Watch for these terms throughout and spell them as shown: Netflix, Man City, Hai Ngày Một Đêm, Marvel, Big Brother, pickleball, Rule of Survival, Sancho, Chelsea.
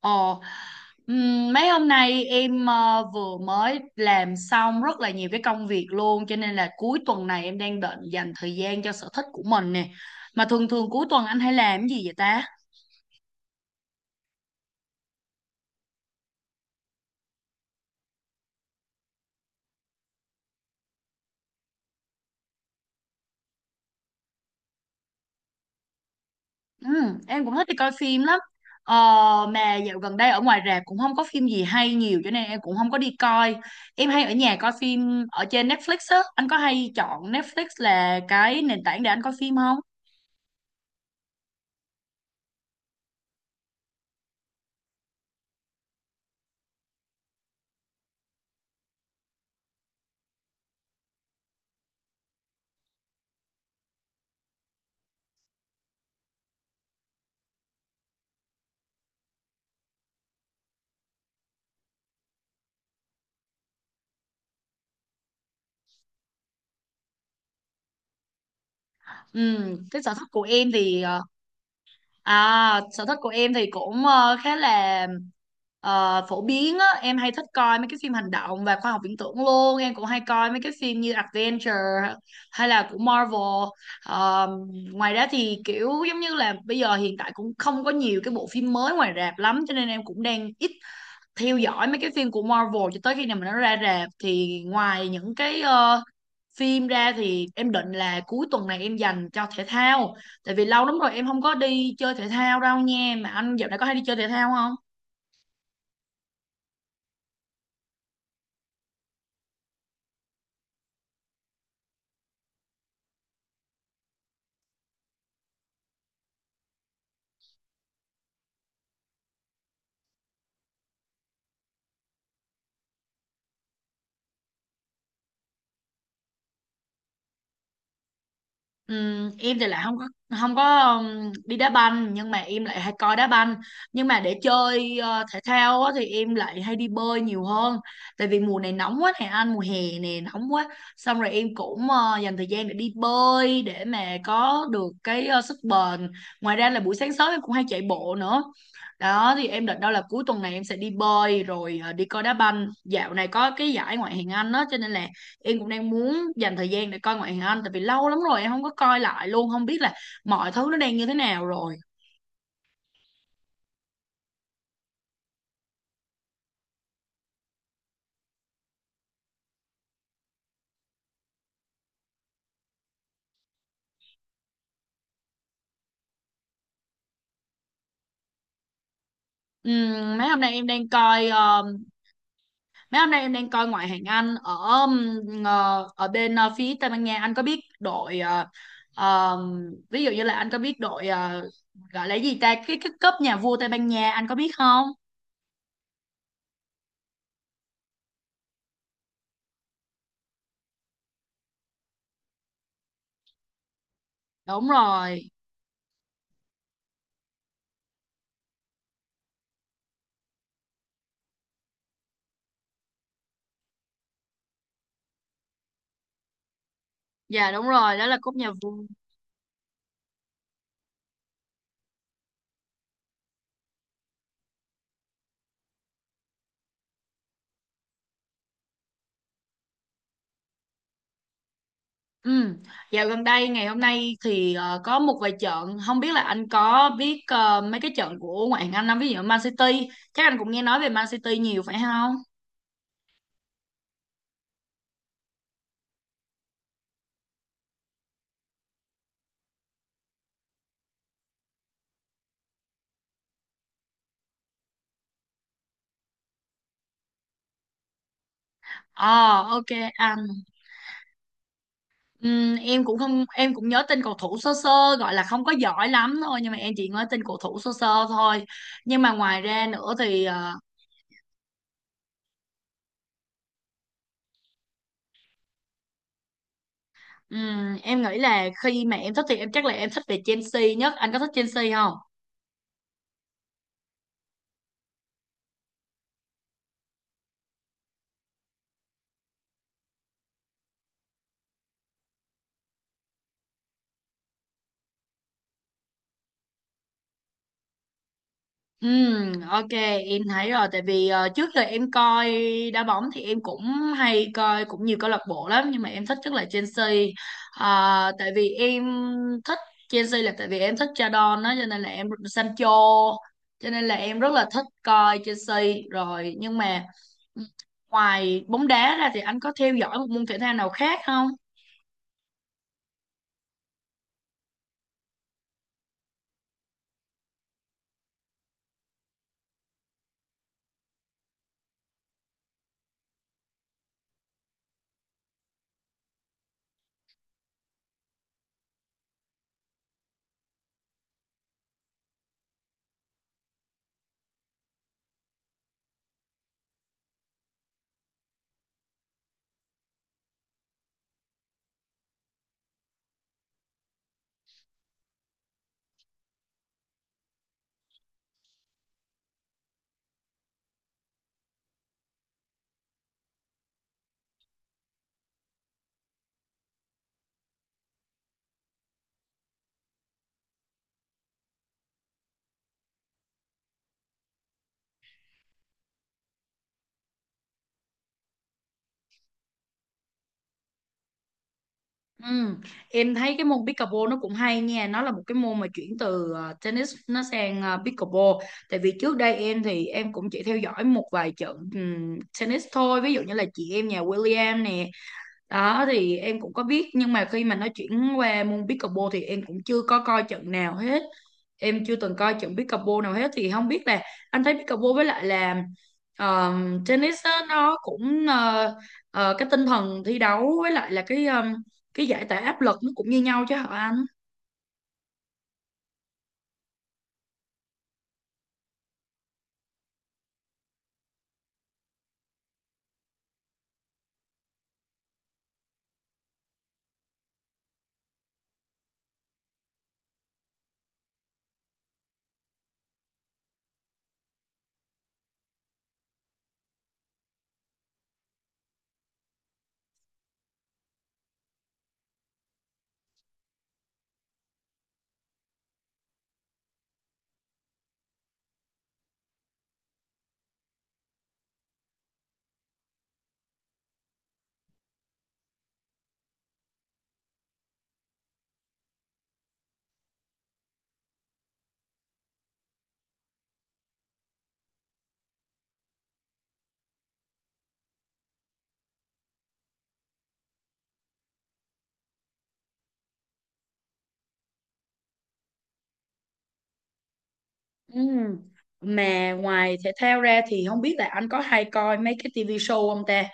Ồ, mấy hôm nay em vừa mới làm xong rất là nhiều cái công việc luôn, cho nên là cuối tuần này em đang định dành thời gian cho sở thích của mình nè. Mà thường thường cuối tuần anh hay làm cái gì vậy ta? Em cũng thích đi coi phim lắm. Ờ, mà dạo gần đây ở ngoài rạp cũng không có phim gì hay nhiều cho nên em cũng không có đi coi. Em hay ở nhà coi phim ở trên Netflix á. Anh có hay chọn Netflix là cái nền tảng để anh coi phim không? Ừ, cái sở thích của em thì ờ, À, sở thích của em thì cũng khá là phổ biến á. Em hay thích coi mấy cái phim hành động và khoa học viễn tưởng luôn. Em cũng hay coi mấy cái phim như Adventure hay là của Marvel. Ờ, ngoài ra thì kiểu giống như là bây giờ hiện tại cũng không có nhiều cái bộ phim mới ngoài rạp lắm, cho nên em cũng đang ít theo dõi mấy cái phim của Marvel cho tới khi nào mà nó ra rạp. Thì ngoài những cái phim ra thì em định là cuối tuần này em dành cho thể thao, tại vì lâu lắm rồi em không có đi chơi thể thao đâu nha. Mà anh dạo này có hay đi chơi thể thao không? Em thì lại không có đi đá banh, nhưng mà em lại hay coi đá banh. Nhưng mà để chơi thể thao á, thì em lại hay đi bơi nhiều hơn, tại vì mùa này nóng quá nè anh, mùa hè nè nóng quá, xong rồi em cũng dành thời gian để đi bơi để mà có được cái sức bền. Ngoài ra là buổi sáng sớm em cũng hay chạy bộ nữa, đó thì em định đâu là cuối tuần này em sẽ đi bơi rồi đi coi đá banh. Dạo này có cái giải ngoại hạng Anh đó cho nên là em cũng đang muốn dành thời gian để coi ngoại hình Anh, tại vì lâu lắm rồi em không có coi lại luôn, không biết là mọi thứ nó đang như thế nào rồi. Ừm, mấy hôm nay em đang coi ờ, mấy hôm nay em đang coi ngoại hạng Anh ở, ừm, ở bên phía Tây Ban Nha. Anh có biết đội ờ, ví dụ như là, anh có biết đội, gọi là gì ta, cái cúp nhà vua Tây Ban Nha, anh có biết không? Đúng rồi. Dạ, đúng rồi, đó là cúp nhà vua. Ừ. Dạo gần đây ngày hôm nay thì có một vài trận, không biết là anh có biết mấy cái trận của ngoại hạng Anh không? Ví dụ Man City, chắc anh cũng nghe nói về Man City nhiều phải không? Ờ, ok anh. Em cũng không, em cũng nhớ tên cầu thủ sơ sơ, gọi là không có giỏi lắm thôi, nhưng mà em chỉ nhớ tên cầu thủ sơ sơ thôi. Nhưng mà ngoài ra nữa thì em nghĩ là, khi mà em thích thì em chắc là em thích về Chelsea nhất, anh có thích Chelsea không? Ok, em thấy rồi. Tại vì trước giờ em coi đá bóng thì em cũng hay coi cũng nhiều câu lạc bộ lắm, nhưng mà em thích nhất là Chelsea. Tại vì em thích Chelsea là tại vì em thích cha don đó, cho nên là em Sancho, cho nên là em rất là thích coi Chelsea rồi. Nhưng mà ngoài bóng đá ra thì anh có theo dõi một môn thể thao nào khác không? Ừ. Em thấy cái môn pickleball nó cũng hay nha. Nó là một cái môn mà chuyển từ tennis nó sang pickleball. Tại vì trước đây em thì em cũng chỉ theo dõi một vài trận tennis thôi. Ví dụ như là chị em nhà William nè, đó thì em cũng có biết, nhưng mà khi mà nó chuyển qua môn pickleball thì em cũng chưa có coi trận nào hết. Em chưa từng coi trận pickleball nào hết, thì không biết là anh thấy pickleball với lại là tennis á, nó cũng cái tinh thần thi đấu với lại là cái giải tỏa áp lực nó cũng như nhau chứ hả anh? Ừ. Mà ngoài thể thao ra thì không biết là anh có hay coi mấy cái TV show không ta?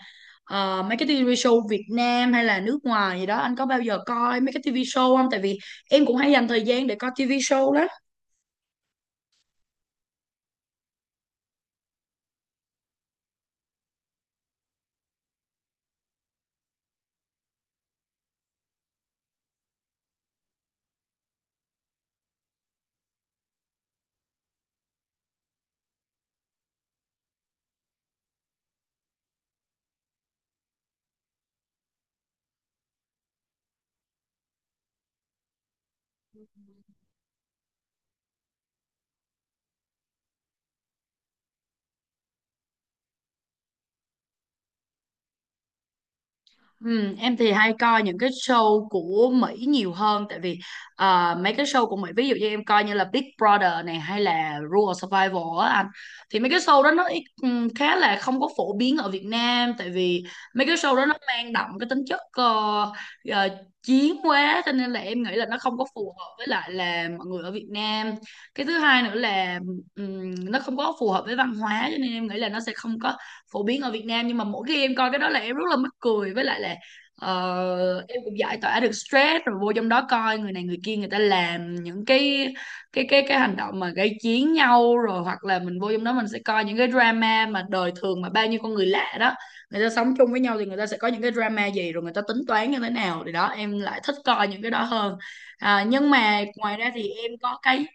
Ờ, mấy cái TV show Việt Nam hay là nước ngoài gì đó, anh có bao giờ coi mấy cái TV show không? Tại vì em cũng hay dành thời gian để coi TV show lắm. Ừ, em thì hay coi những cái show của Mỹ nhiều hơn. Tại vì mấy cái show của Mỹ, ví dụ như em coi như là Big Brother này hay là Rule of Survival á anh, thì mấy cái show đó nó ít khá là không có phổ biến ở Việt Nam. Tại vì mấy cái show đó nó mang đậm cái tính chất ờ, chiến quá, cho nên là em nghĩ là nó không có phù hợp với lại là mọi người ở Việt Nam. Cái thứ hai nữa là nó không có phù hợp với văn hóa, cho nên em nghĩ là nó sẽ không có phổ biến ở Việt Nam. Nhưng mà mỗi khi em coi cái đó là em rất là mắc cười, với lại là em cũng giải tỏa được stress. Rồi vô trong đó coi người này người kia, người ta làm những cái hành động mà gây chiến nhau, rồi hoặc là mình vô trong đó mình sẽ coi những cái drama mà đời thường, mà bao nhiêu con người lạ đó người ta sống chung với nhau thì người ta sẽ có những cái drama gì, rồi người ta tính toán như thế nào, thì đó em lại thích coi những cái đó hơn. À, nhưng mà ngoài ra thì em có cái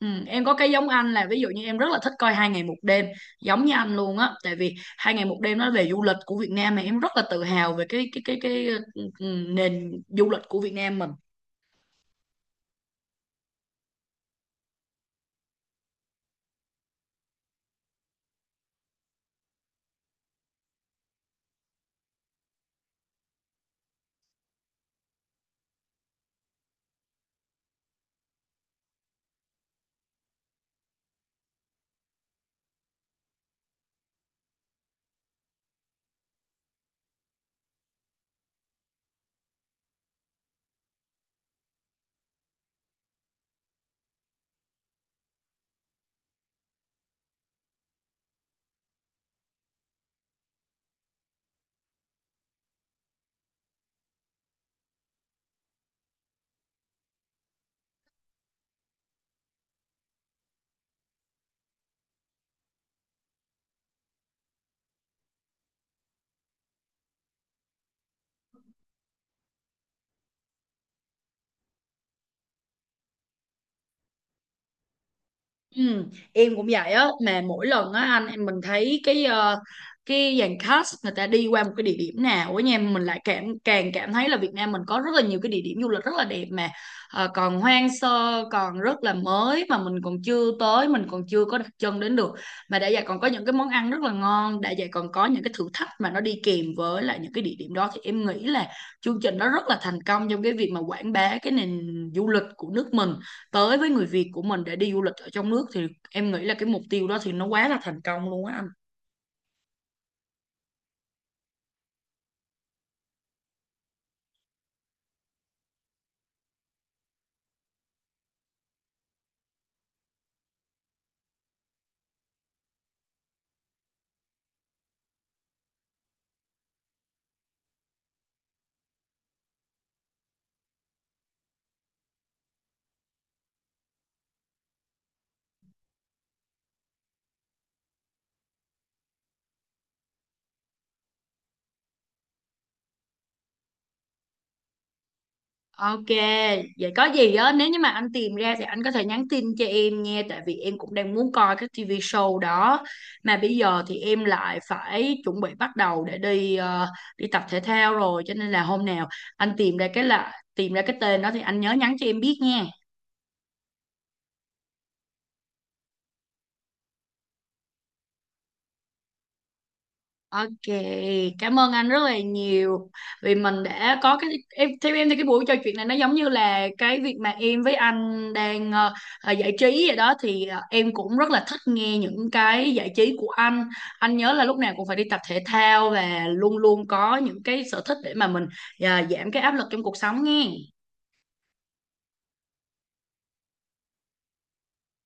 ừ, em có cái giống anh, là ví dụ như em rất là thích coi Hai Ngày Một Đêm giống như anh luôn á. Tại vì Hai Ngày Một Đêm nói về du lịch của Việt Nam, mà em rất là tự hào về cái nền du lịch của Việt Nam mình. Ừ, em cũng vậy á. Mà mỗi lần á anh em mình thấy cái dàn cast người ta đi qua một cái địa điểm nào ở nhà, mình lại càng cảm thấy là Việt Nam mình có rất là nhiều cái địa điểm du lịch rất là đẹp, mà còn hoang sơ còn rất là mới, mà mình còn chưa tới, mình còn chưa có đặt chân đến được. Mà đã vậy còn có những cái món ăn rất là ngon, đã vậy còn có những cái thử thách mà nó đi kèm với lại những cái địa điểm đó, thì em nghĩ là chương trình nó rất là thành công trong cái việc mà quảng bá cái nền du lịch của nước mình tới với người Việt của mình, để đi du lịch ở trong nước. Thì em nghĩ là cái mục tiêu đó thì nó quá là thành công luôn á anh. Ok, vậy có gì á, nếu như mà anh tìm ra thì anh có thể nhắn tin cho em nha, tại vì em cũng đang muốn coi cái TV show đó. Mà bây giờ thì em lại phải chuẩn bị bắt đầu để đi đi tập thể thao rồi, cho nên là hôm nào anh tìm ra cái tên đó thì anh nhớ nhắn cho em biết nha. Ok, cảm ơn anh rất là nhiều, vì mình đã có cái em theo, em thì cái buổi trò chuyện này nó giống như là cái việc mà em với anh đang giải trí vậy đó, thì em cũng rất là thích nghe những cái giải trí của anh. Anh nhớ là lúc nào cũng phải đi tập thể thao và luôn luôn có những cái sở thích, để mà mình giảm cái áp lực trong cuộc sống nghe.